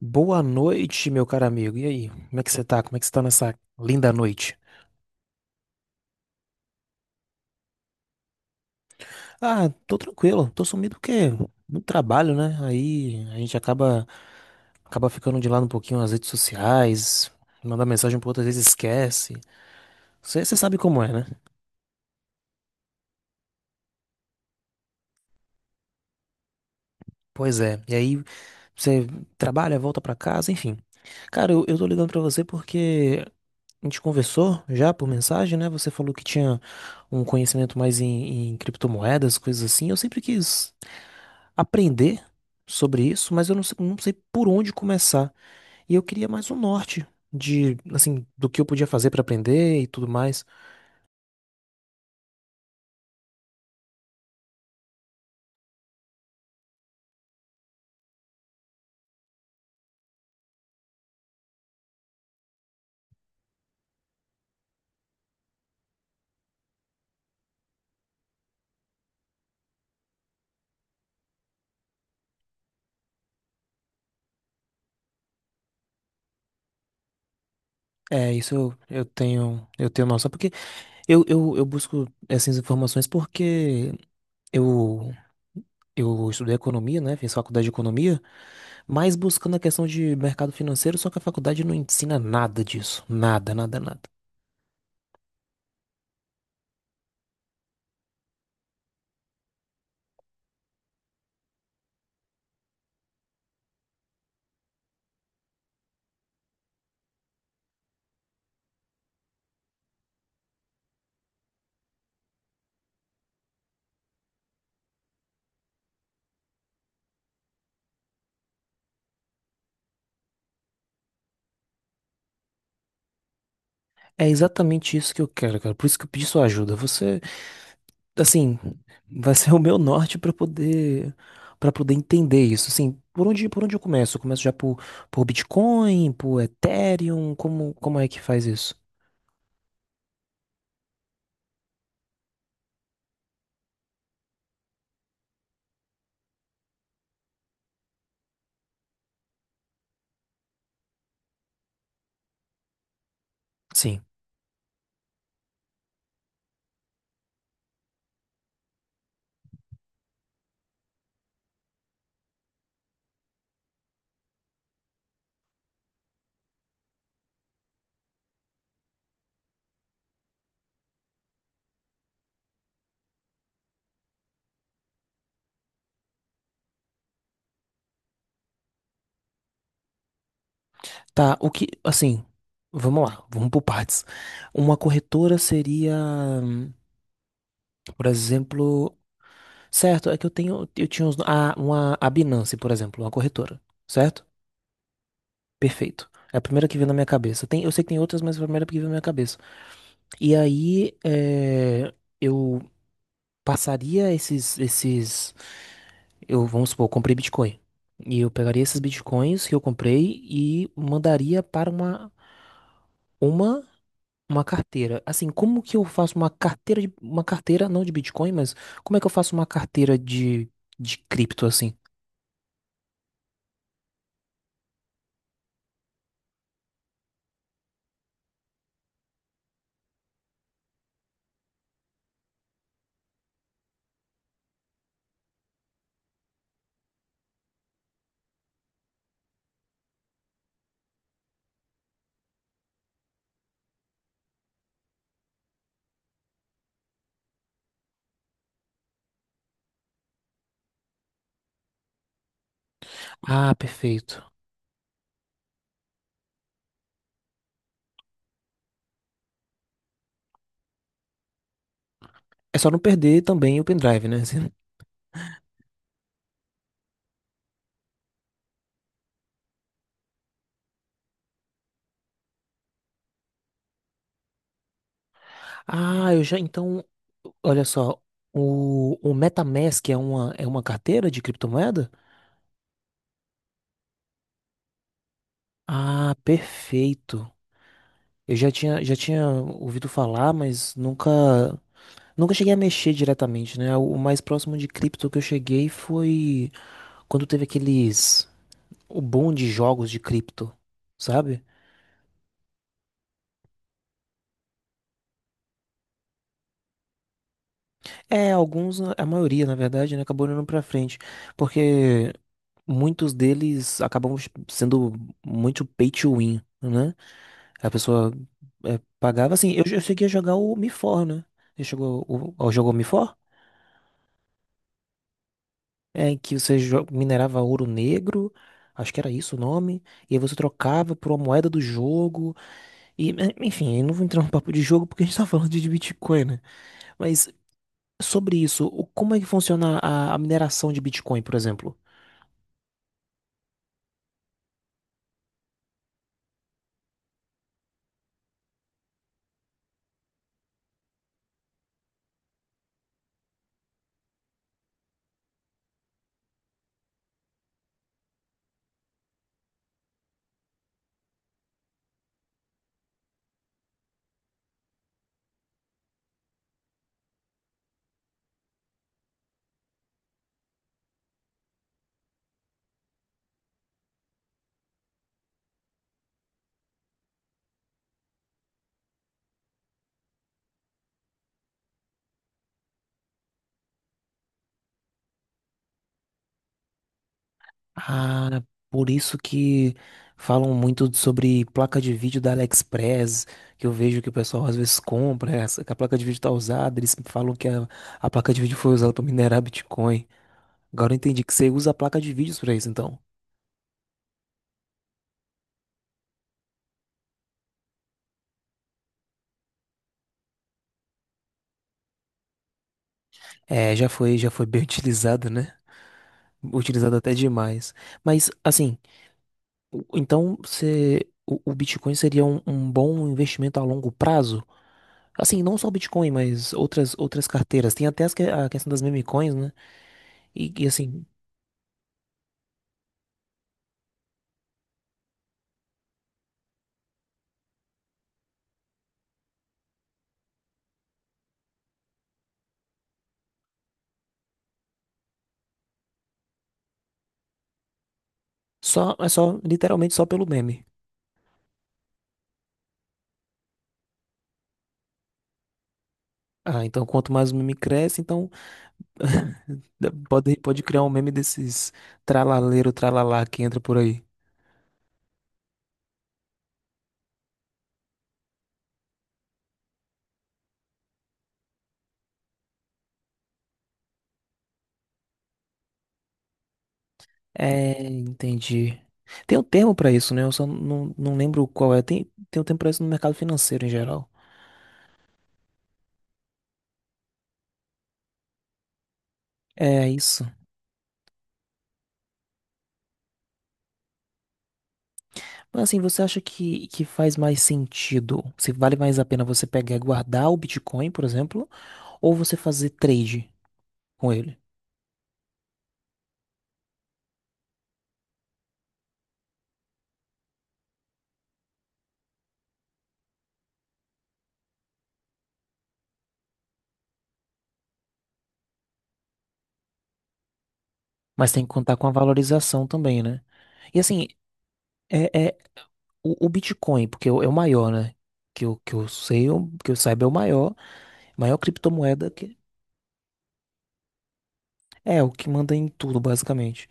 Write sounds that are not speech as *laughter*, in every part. Boa noite, meu caro amigo. E aí? Como é que você tá? Como é que você tá nessa linda noite? Ah, tô tranquilo. Tô sumido porque muito trabalho, né? Aí a gente acaba ficando de lado um pouquinho nas redes sociais, manda mensagem pro outro, às vezes esquece. Você sabe como é, né? Pois é. E aí você trabalha, volta pra casa, enfim. Cara, eu tô ligando pra você porque a gente conversou já por mensagem, né? Você falou que tinha um conhecimento mais em criptomoedas, coisas assim. Eu sempre quis aprender sobre isso, mas eu não sei, não sei por onde começar. E eu queria mais um norte de, assim, do que eu podia fazer para aprender e tudo mais. É, isso eu tenho noção, porque eu busco essas informações porque eu, eu estudei economia, né? Fiz faculdade de economia, mas buscando a questão de mercado financeiro, só que a faculdade não ensina nada disso. Nada, nada, nada. É exatamente isso que eu quero, cara. Por isso que eu pedi sua ajuda. Você assim, vai ser o meu norte para poder entender isso. Assim, por onde eu começo? Eu começo já por Bitcoin, por Ethereum, como como é que faz isso? Sim. Tá, o que assim, vamos lá, vamos por partes. Uma corretora seria, hum, por exemplo, certo, é que eu tenho eu tinha uns, a, uma a Binance, por exemplo, uma corretora, certo? Perfeito. É a primeira que veio na minha cabeça. Tem, eu sei que tem outras, mas é a primeira que veio na minha cabeça. E aí, é, eu passaria esses, esses, eu, vamos supor, eu comprei Bitcoin. E eu pegaria esses Bitcoins que eu comprei e mandaria para uma, uma carteira. Assim, como que eu faço uma carteira de, uma carteira não de Bitcoin, mas como é que eu faço uma carteira de cripto assim? Ah, perfeito. É só não perder também o pendrive, né? *laughs* Ah, eu já, então, olha só, o MetaMask é uma carteira de criptomoeda? Ah, perfeito. Eu já tinha ouvido falar, mas nunca, nunca cheguei a mexer diretamente, né? O mais próximo de cripto que eu cheguei foi quando teve aqueles, o boom de jogos de cripto, sabe? É, alguns, a maioria, na verdade, né, acabou indo pra frente, porque muitos deles acabam sendo muito pay to win, né? A pessoa é, pagava assim, eu cheguei a jogar o MIFOR, né? Você chegou, o, jogou o MIFOR? É, em que você jo- minerava ouro negro, acho que era isso o nome, e aí você trocava por uma moeda do jogo, e eh, enfim, eu não vou entrar no papo de jogo porque a gente tá falando de Bitcoin, né? Mas sobre isso, o- como é que funciona a mineração de Bitcoin, por exemplo? Ah, por isso que falam muito sobre placa de vídeo da AliExpress, que eu vejo que o pessoal às vezes compra, essa- que a placa de vídeo tá usada, eles falam que a placa de vídeo foi usada para minerar Bitcoin. Agora eu entendi que você usa a placa de vídeos para isso, então. É, já foi bem *laughs* utilizado, né? Utilizado até demais. Mas, assim, o- então você, o Bitcoin seria um, um bom investimento a longo prazo? Assim, não só o Bitcoin, mas outras, outras carteiras. Tem até as que- a questão das meme coins, né? E, assim, só, é só, literalmente só pelo meme. Ah, então quanto mais o meme cresce, então *laughs* pode, pode criar um meme desses tralaleiro, tralalá que entra por aí. É, entendi. Tem um termo pra isso, né? Eu só não, não lembro qual é. Tem, tem um termo pra isso no mercado financeiro em geral. É isso. Mas assim, você acha que faz mais sentido? Se vale mais a pena você pegar e guardar o Bitcoin, por exemplo, ou você fazer trade com ele? Mas tem que contar com a valorização também, né? E assim, é, é o Bitcoin, porque é o é o maior, né? Que eu sei, é o- que eu saiba é o maior, maior criptomoeda que É, o que manda em tudo, basicamente.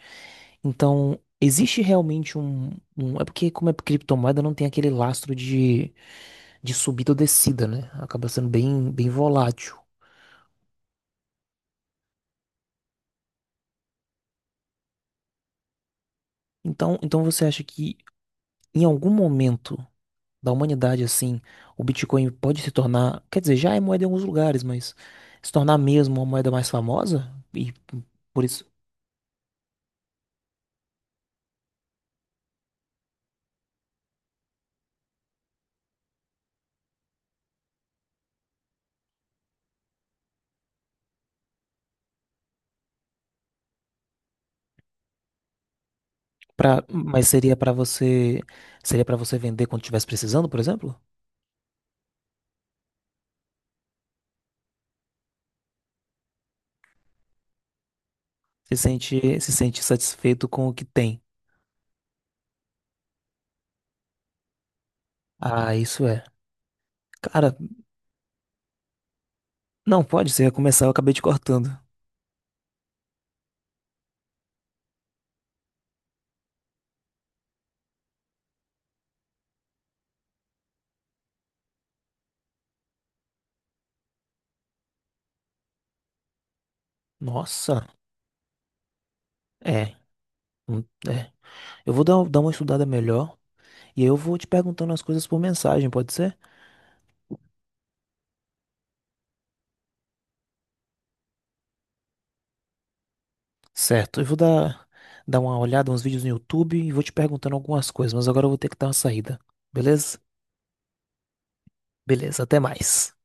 Então, existe realmente um, um- É porque, como é criptomoeda, não tem aquele lastro de subida ou descida, né? Acaba sendo bem, bem volátil. Então, então, você acha que em algum momento da humanidade, assim, o Bitcoin pode se tornar. Quer dizer, já é moeda em alguns lugares, mas se tornar mesmo uma moeda mais famosa? E por isso. Pra, mas seria pra você. Seria para você vender quando estivesse precisando, por exemplo? Se sente, se sente satisfeito com o que tem. Ah, isso é. Cara, não pode, se começar eu acabei te cortando. Nossa, é. hum, É. Eu vou dar, dar uma estudada melhor e aí eu vou te perguntando as coisas por mensagem, pode ser? Certo, eu vou dar, dar uma olhada, uns vídeos no YouTube e vou te perguntando algumas coisas, mas agora eu vou ter que dar uma saída. Beleza? Beleza, até mais.